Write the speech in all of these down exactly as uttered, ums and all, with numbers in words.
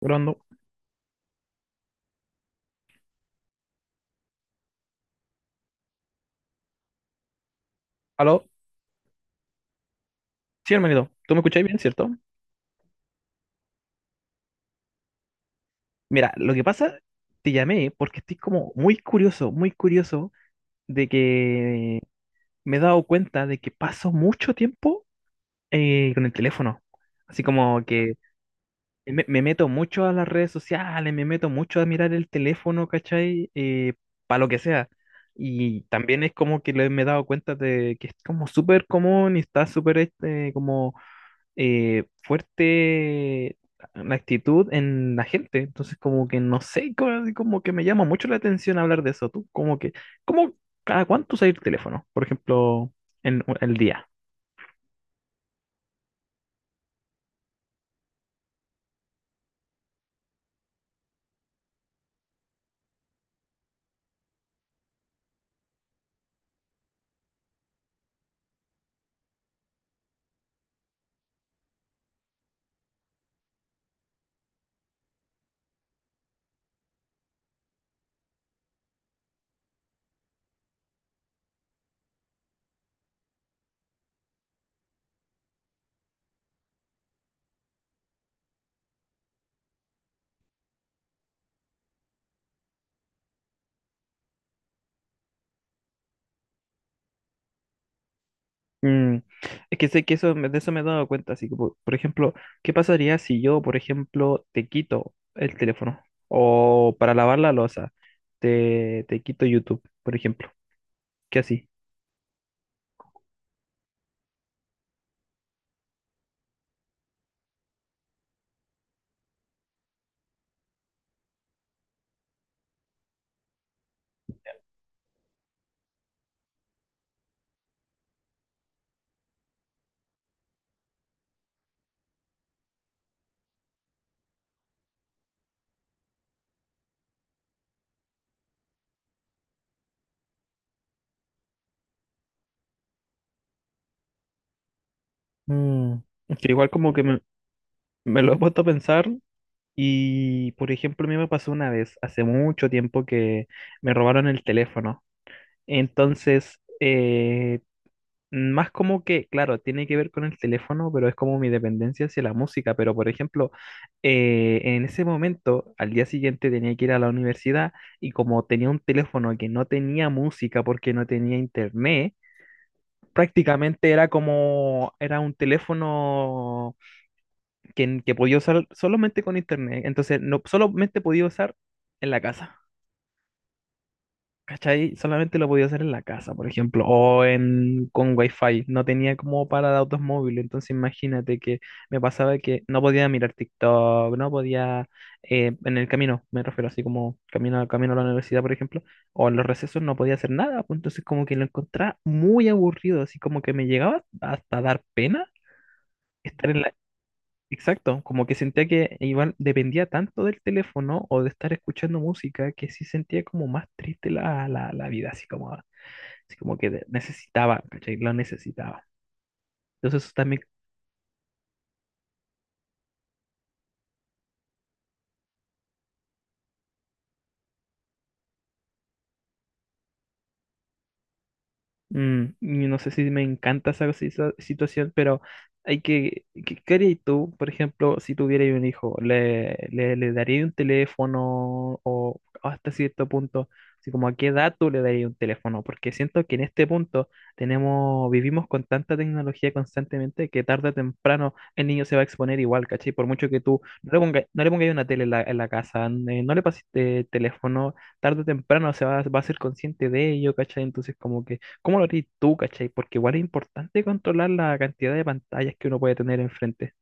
Grabando. Aló, sí, hermanito, ¿tú me escucháis bien, cierto? Mira, lo que pasa, te llamé porque estoy como muy curioso, muy curioso de que me he dado cuenta de que paso mucho tiempo eh, con el teléfono. Así como que me, me meto mucho a las redes sociales, me meto mucho a mirar el teléfono, ¿cachai? Para lo que sea. Y también es como que le- me he dado cuenta de que es como súper común y está súper este, como eh, fuerte la actitud en la gente. Entonces, como que no sé, como, como que me llama mucho la atención hablar de eso. Tú, como que, ¿cómo cada cuánto usas el teléfono? Por ejemplo, en el día. Mm, es que sé que eso, me- de eso me he dado cuenta. Así que, por, por ejemplo, ¿qué pasaría si yo, por ejemplo, te quito el teléfono? O para lavar la losa, te, te quito YouTube, por ejemplo. ¿Qué así? Mm, que igual como que me, me lo he puesto a pensar. Y, por ejemplo, a mí me pasó una vez, hace mucho tiempo, que me robaron el teléfono. Entonces, eh, más como que, claro, tiene que ver con el teléfono, pero es como mi dependencia hacia la música. Pero, por ejemplo, eh, en ese momento, al día siguiente tenía que ir a la universidad y como tenía un teléfono que no tenía música porque no tenía internet, prácticamente era como, era un teléfono que, que podía usar solamente con internet. Entonces, no solamente podía usar en la casa. ¿Cachai? Solamente lo podía usar en la casa, por ejemplo, o en, con wifi. No tenía como para datos móviles. Entonces, imagínate que me pasaba que no podía mirar TikTok, no podía, eh, en el camino, me refiero así como camino, camino a la universidad, por ejemplo, o en los recesos no podía hacer nada, pues. Entonces, como que lo encontraba muy aburrido, así como que me llegaba hasta dar pena estar en la... Exacto, como que sentía que igual dependía tanto del teléfono o de estar escuchando música que sí sentía como más triste la, la, la vida, así como, así como que de- necesitaba, ¿cachai? Lo necesitaba. Entonces eso también. Mm, y no sé si me encanta esa situa- situación, pero hay que, ¿qué qué harías tú, por ejemplo, si tuvierais un hijo? ¿Le, le, le darías un teléfono o hasta cierto punto, así como a qué edad tú le darías un teléfono? Porque siento que en este punto tenemos, vivimos con tanta tecnología constantemente que tarde o temprano el niño se va a exponer igual, ¿cachai? Por mucho que tú no le pongas, no le pongas una tele en la, en la casa, n- eh, no le pases eh, teléfono, tarde o temprano se va, va a ser consciente de ello, ¿cachai? Entonces como que, ¿cómo lo harías tú, cachai? Porque igual es importante controlar la cantidad de pantallas que uno puede tener enfrente.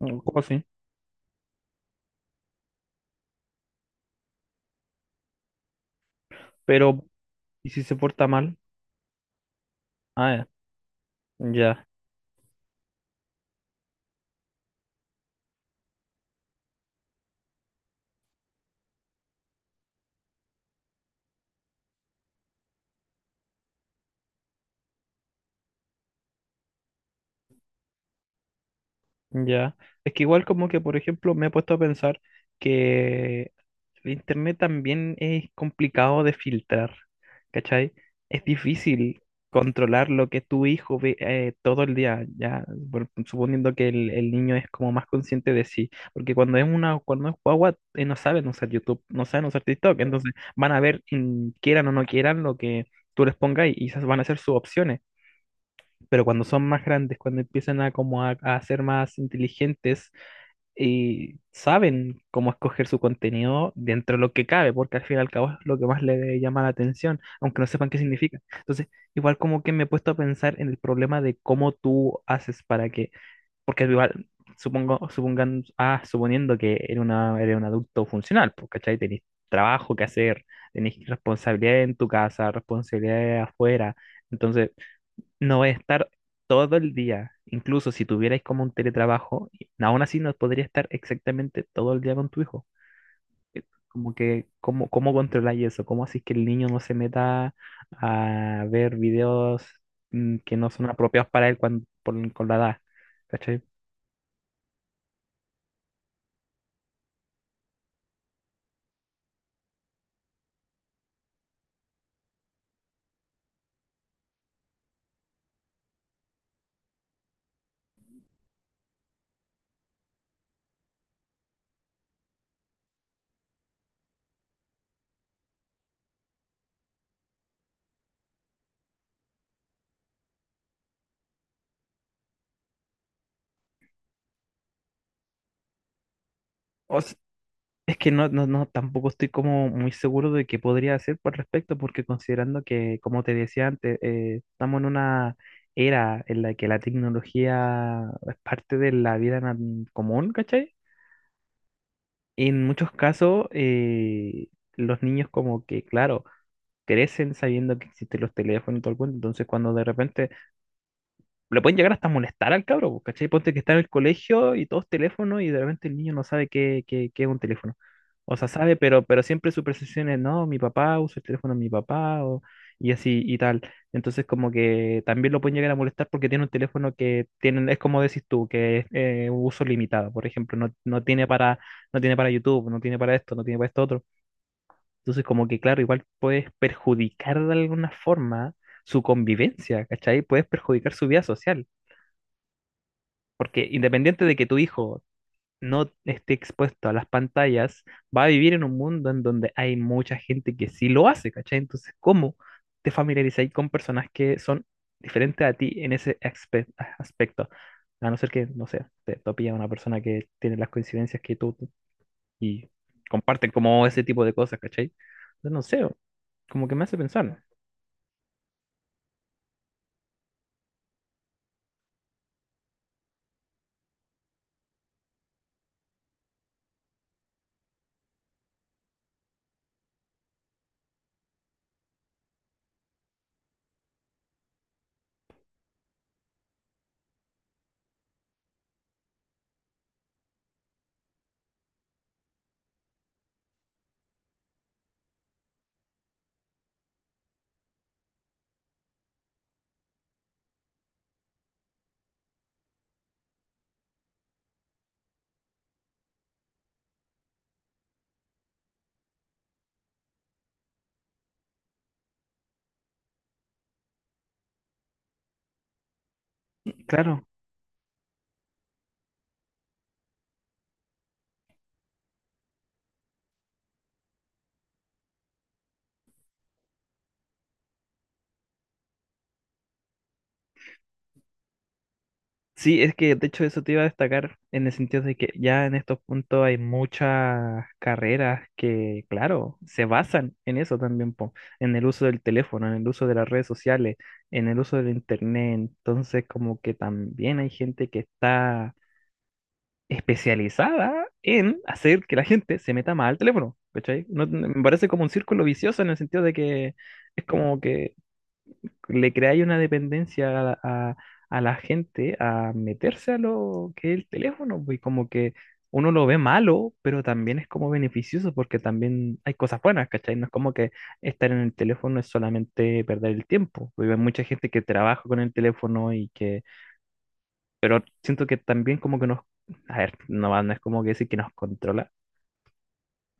Un poco así. Pero, ¿y si se porta mal? Ah, ya. Ya, es que igual como que, por ejemplo, me he puesto a pensar que el internet también es complicado de filtrar, ¿cachai? Es difícil controlar lo que tu hijo ve eh, todo el día, ya, por- suponiendo que el, el niño es como más consciente de sí, porque cuando es una, cuando es guagua, eh, no saben usar YouTube, no saben usar TikTok, entonces van a ver, mm, quieran o no quieran, lo que tú les pongas y esas van a ser sus opciones, pero cuando son más grandes, cuando empiezan a, como a, a ser más inteligentes y saben cómo escoger su contenido dentro de lo que cabe, porque al fin y al cabo es lo que más le llama la atención, aunque no sepan qué significa. Entonces, igual como que me he puesto a pensar en el problema de cómo tú haces para que, porque igual... Supongo, supongan, ah, suponiendo que eres, una, eres un adulto funcional, pues, ¿cachai? Tenés trabajo que hacer, tenés responsabilidades en tu casa, responsabilidades afuera, entonces no voy a estar todo el día. Incluso si tuvierais como un teletrabajo, y- aún así no podría estar exactamente todo el día con tu hijo. Eh, Como que, ¿cómo, cómo controláis eso? ¿Cómo así que el niño no se meta a ver videos mm, que no son apropiados para él cuando, por- con la edad? ¿Cachai? O es que no, no, no, tampoco estoy como muy seguro de qué podría hacer por respecto, porque considerando que, como te decía antes, eh, estamos en una era en la que la tecnología es parte de la vida nan- común, ¿cachai? En muchos casos, eh, los niños como que, claro, crecen sabiendo que existen los teléfonos y todo el cuento, entonces cuando de repente le pueden llegar hasta molestar al cabro, po, ¿cachai? Ponte que está en el colegio y todos teléfonos y de repente el niño no sabe qué, qué, qué es un teléfono. O sea, sabe, pero, pero siempre su percepción es, no, mi papá usa el teléfono de mi papá o, y así y tal. Entonces como que también lo pueden llegar a molestar porque tiene un teléfono que tienen, es como decís tú, que es eh, uso limitado. Por ejemplo, no, no tiene para, no tiene para YouTube, no tiene para esto, no tiene para esto otro. Entonces como que claro, igual puedes perjudicar de alguna forma su convivencia, ¿cachai? Puedes perjudicar su vida social. Porque independiente de que tu hijo no esté expuesto a las pantallas, va a vivir en un mundo en donde hay mucha gente que sí lo hace, ¿cachai? Entonces, ¿cómo te familiarizáis con personas que son diferentes a ti en ese aspe- aspecto? A no ser que, no sé, te topilla una persona que tiene las coincidencias que tú y comparten como ese tipo de cosas, ¿cachai? Entonces, no sé, como que me hace pensar. Claro, sí, es que de hecho eso te iba a destacar en el sentido de que ya en estos puntos hay muchas carreras que, claro, se basan en eso también, po, en el uso del teléfono, en el uso de las redes sociales, en el uso del internet. Entonces, como que también hay gente que está especializada en hacer que la gente se meta más al teléfono, ¿cachai? No- me parece como un círculo vicioso en el sentido de que es como que le crea ahí una dependencia a, a- a la gente a meterse a lo que es el teléfono, pues, y como que uno lo ve malo, pero también es como beneficioso porque también hay cosas buenas, ¿cachai? No es como que estar en el teléfono es solamente perder el tiempo, porque hay mucha gente que trabaja con el teléfono y que siento que también como que nos, a ver, no, va- no es como que decir que nos controla,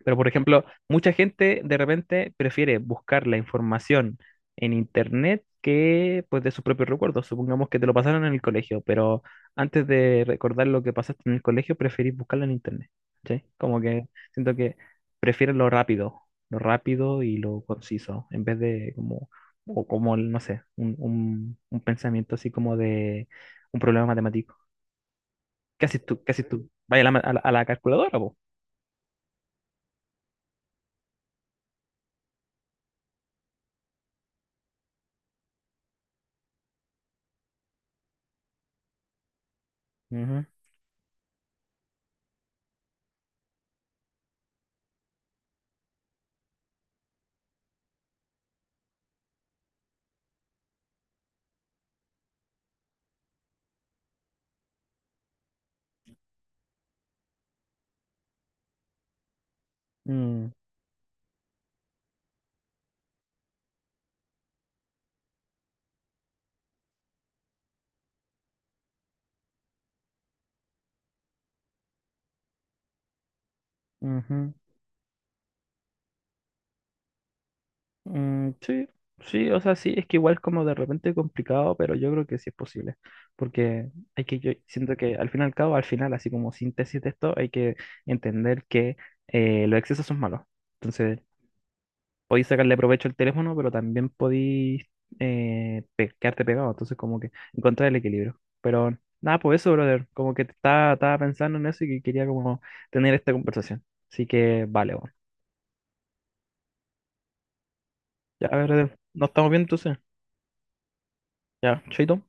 pero, por ejemplo, mucha gente de repente prefiere buscar la información en internet que pues de sus propios recuerdos. Supongamos que te lo pasaron en el colegio, pero antes de recordar lo que pasaste en el colegio, preferís buscarlo en internet. ¿Sí? Como que siento que prefieren lo rápido, lo rápido y lo conciso, en vez de como, o como, no sé, un, un- un pensamiento así como de un problema matemático. ¿Qué haces tú? ¿Qué haces tú? Vaya a la, ma- a la- a la calculadora, vos. Ujú, mm, ujú. Mm, sí, sí, o sea, sí, es que igual es como de repente complicado, pero yo creo que sí es posible, porque hay que, yo siento que al fin y al cabo, al final, así como síntesis de esto, hay que entender que eh, los excesos son malos. Entonces, podéis sacarle provecho al teléfono, pero también podéis eh, pe- quedarte pegado, entonces como que encontrar el equilibrio. Pero nada, pues eso, brother, como que estaba, estaba pensando en eso y que quería como tener esta conversación. Así que, vale, bueno. Ya, brother, nos estamos viendo entonces. Ya, chaito.